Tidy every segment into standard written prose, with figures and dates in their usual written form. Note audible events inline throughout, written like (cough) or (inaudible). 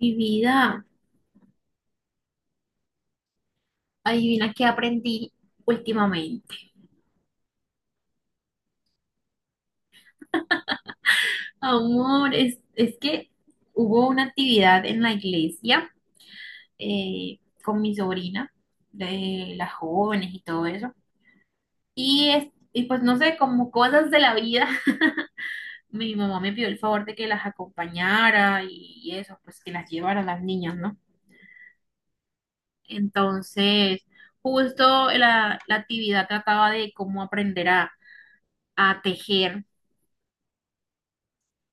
Mi vida, adivina qué aprendí últimamente. Amor, es que hubo una actividad en la iglesia eh, con mi sobrina, de las jóvenes y todo eso. Y, pues no sé, como cosas de la vida, (laughs) mi mamá me pidió el favor de que las acompañara y eso, pues que las llevara a las niñas, ¿no? Entonces, justo la actividad trataba de cómo aprender a tejer.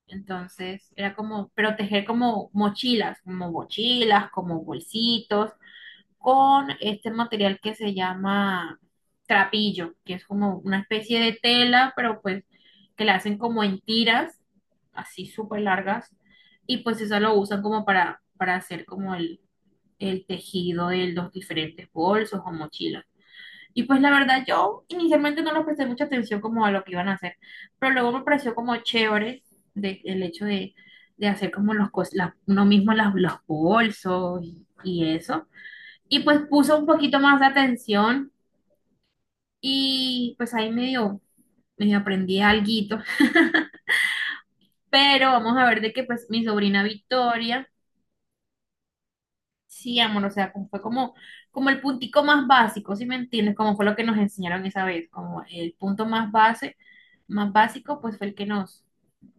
Entonces era como proteger como mochilas, como mochilas, como bolsitos, con este material que se llama trapillo, que es como una especie de tela, pero pues que la hacen como en tiras, así súper largas, y pues eso lo usan como para hacer como el tejido de los diferentes bolsos o mochilas. Y pues la verdad yo inicialmente no les presté mucha atención como a lo que iban a hacer, pero luego me pareció como chévere de, el hecho de hacer como los uno mismo las, los bolsos y eso. Y pues puse un poquito más de atención y pues ahí medio, medio aprendí alguito. Pero vamos a ver de que pues mi sobrina Victoria. Sí, amor, o sea, fue como, como el puntico más básico, ¿sí me entiendes? Como fue lo que nos enseñaron esa vez, como el punto más base, más básico, pues fue el que nos,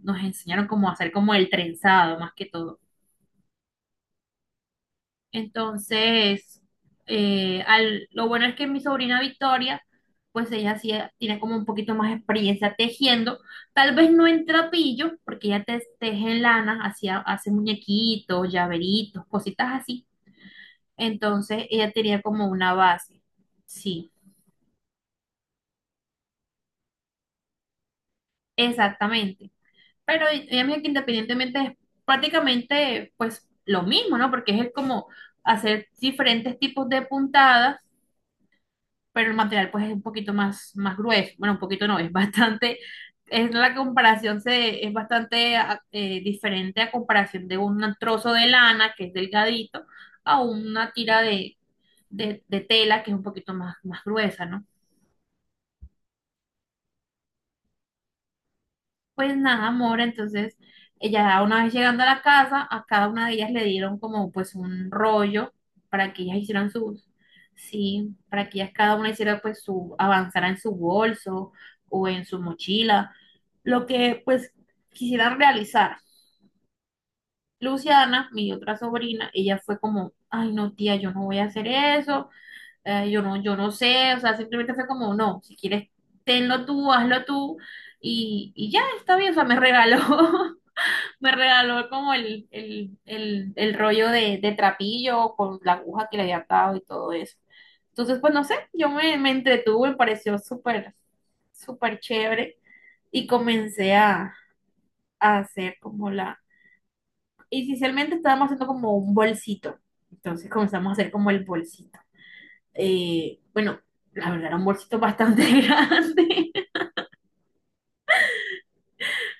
nos enseñaron como a hacer como el trenzado, más que todo. Entonces, lo bueno es que mi sobrina Victoria, pues ella sí tiene como un poquito más experiencia tejiendo, tal vez no en trapillo, porque ella teje en lana, hacía, hace muñequitos, llaveritos, cositas así. Entonces ella tenía como una base. Sí, exactamente. Pero ella me dijo que independientemente es prácticamente pues lo mismo, ¿no? Porque es el como hacer diferentes tipos de puntadas, pero el material pues es un poquito más, más grueso. Bueno, un poquito no, es bastante, es bastante diferente a comparación de un trozo de lana que es delgadito a una tira de, de tela que es un poquito más, más gruesa, ¿no? Pues nada, amor, entonces ella una vez llegando a la casa, a cada una de ellas le dieron como pues un rollo para que ellas hicieran sus, sí, para que ellas cada una hiciera pues su, avanzara en su bolso o en su mochila, lo que pues quisieran realizar. Luciana, mi otra sobrina, ella fue como, ay no tía, yo no voy a hacer eso, yo no, yo no sé, o sea, simplemente fue como, no, si quieres, tenlo tú, hazlo tú, y ya está bien, o sea, me regaló. (laughs) Me regaló como el rollo de trapillo con la aguja que le había atado y todo eso. Entonces, pues no sé, yo me, me entretuve, me pareció súper, súper chévere y comencé a hacer como la... Inicialmente estábamos haciendo como un bolsito, entonces comenzamos a hacer como el bolsito. Bueno, la verdad era un bolsito bastante (laughs) grande.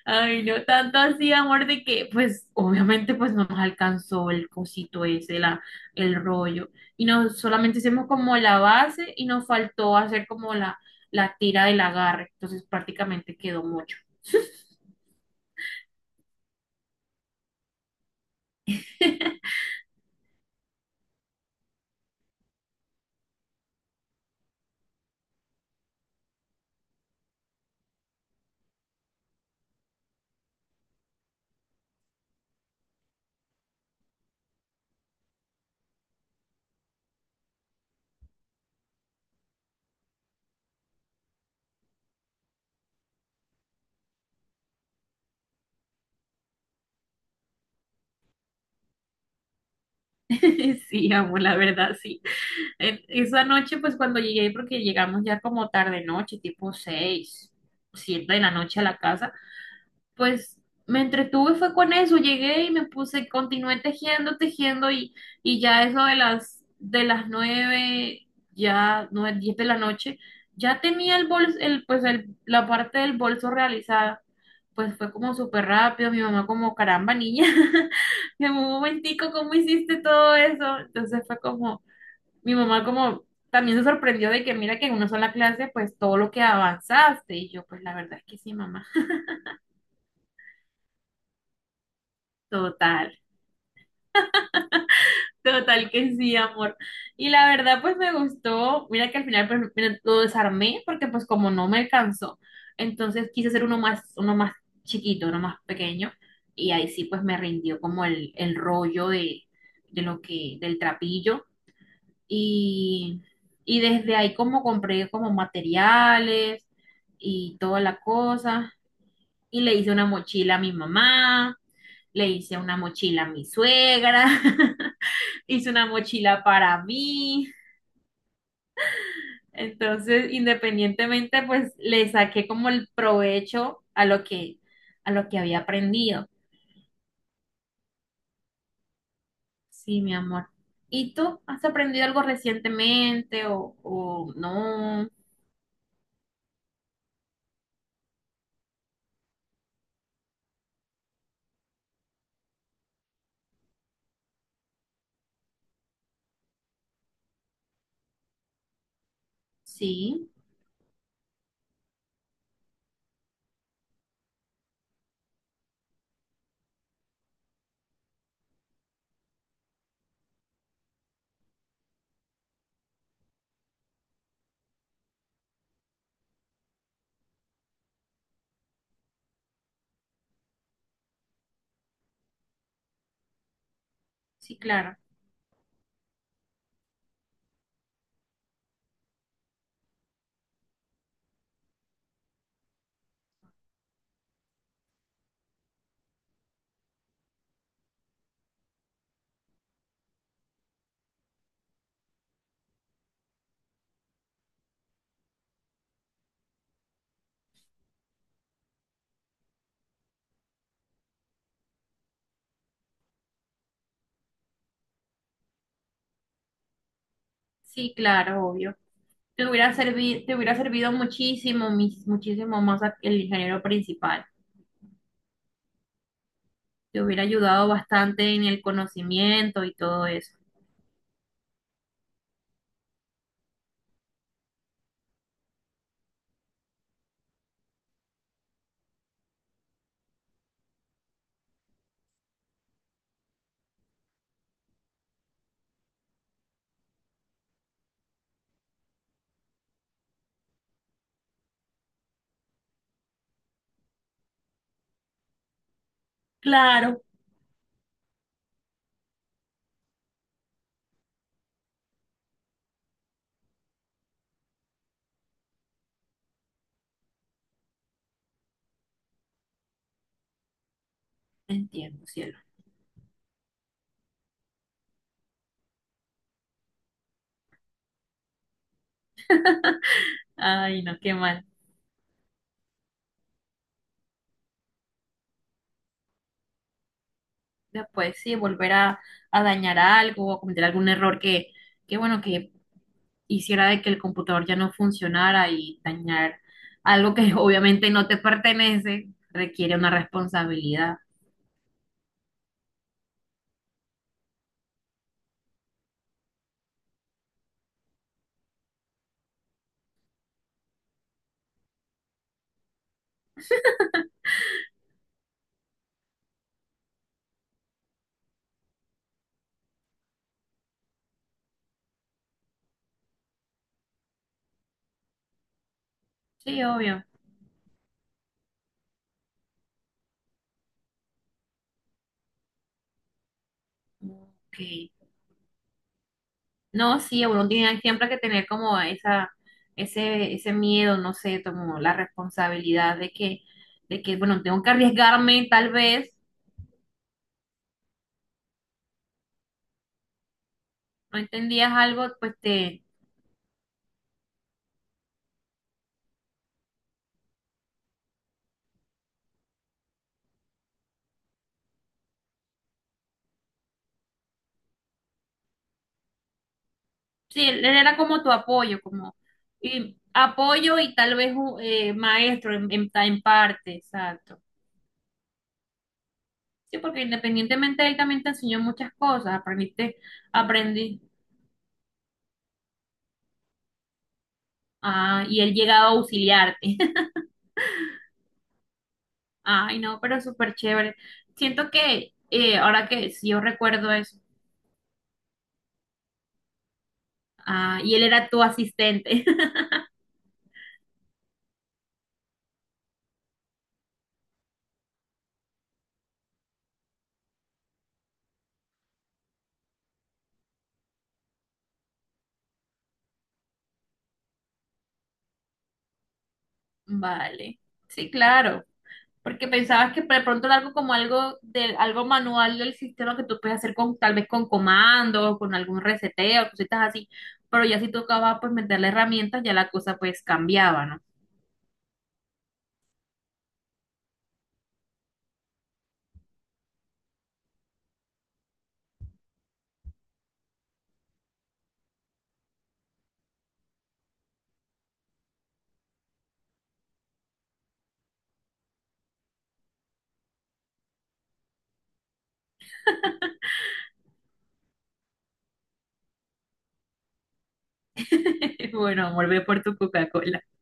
Ay, no tanto así, amor, de que, pues, obviamente, pues no nos alcanzó el cosito ese, la, el rollo. Y no solamente hicimos como la base y nos faltó hacer como la tira del agarre. Entonces, prácticamente quedó mucho. (laughs) Sí, amor, la verdad, sí. Esa noche, pues, cuando llegué, porque llegamos ya como tarde noche, tipo seis, siete de la noche a la casa. Pues me entretuve fue con eso, llegué y me puse, continué tejiendo, tejiendo y ya eso de las nueve, ya nueve, diez de la noche, ya tenía el bolso, el, pues el, la parte del bolso realizada. Pues fue como súper rápido, mi mamá como, caramba, niña, (laughs) en un momentico, ¿cómo hiciste todo eso? Entonces fue como, mi mamá como también se sorprendió de que mira que en una sola clase, pues todo lo que avanzaste, y yo, pues la verdad es que sí, mamá, total. Total que sí, amor. Y la verdad, pues me gustó. Mira que al final pues, mira, lo desarmé porque pues como no me alcanzó, entonces quise hacer uno más chiquito, uno más pequeño. Y ahí sí pues me rindió como el rollo de lo que, del trapillo. Y, y desde ahí como compré como materiales y toda la cosa. Y le hice una mochila a mi mamá, le hice una mochila a mi suegra. (laughs) Hice una mochila para mí. Entonces, independientemente, pues le saqué como el provecho a lo que había aprendido. Sí, mi amor. ¿Y tú has aprendido algo recientemente o no? Sí, sí, claro. Sí, claro, obvio. Te hubiera servido muchísimo, muchísimo más el ingeniero principal. Te hubiera ayudado bastante en el conocimiento y todo eso. Claro, entiendo, cielo. Ay, no, qué mal. Después sí, volver a dañar algo o cometer algún error que, bueno, que hiciera de que el computador ya no funcionara y dañar algo que (laughs) obviamente no te pertenece, requiere una responsabilidad. Sí, obvio. Ok. No, sí, uno tiene siempre que tener como esa, ese miedo, no sé, como la responsabilidad de que, bueno, tengo que arriesgarme, tal vez, no entendías algo, pues te. Sí, él era como tu apoyo, como y apoyo y tal vez un, maestro en, en parte, exacto. Sí, porque independientemente él también te enseñó muchas cosas, aprendiste, aprendí, ah, y él llegaba a auxiliarte. (laughs) Ay, no, pero súper chévere. Siento que ahora que sí, yo recuerdo eso, ah, y él era tu asistente. (laughs) Vale, sí, claro. Porque pensabas que de pronto era algo como algo del algo manual del sistema que tú puedes hacer con tal vez con comandos, con algún reseteo, cositas así. Pero ya si tocaba pues meterle herramientas, ya la cosa pues cambiaba, ¿no? (laughs) Bueno, volvé por tu Coca-Cola.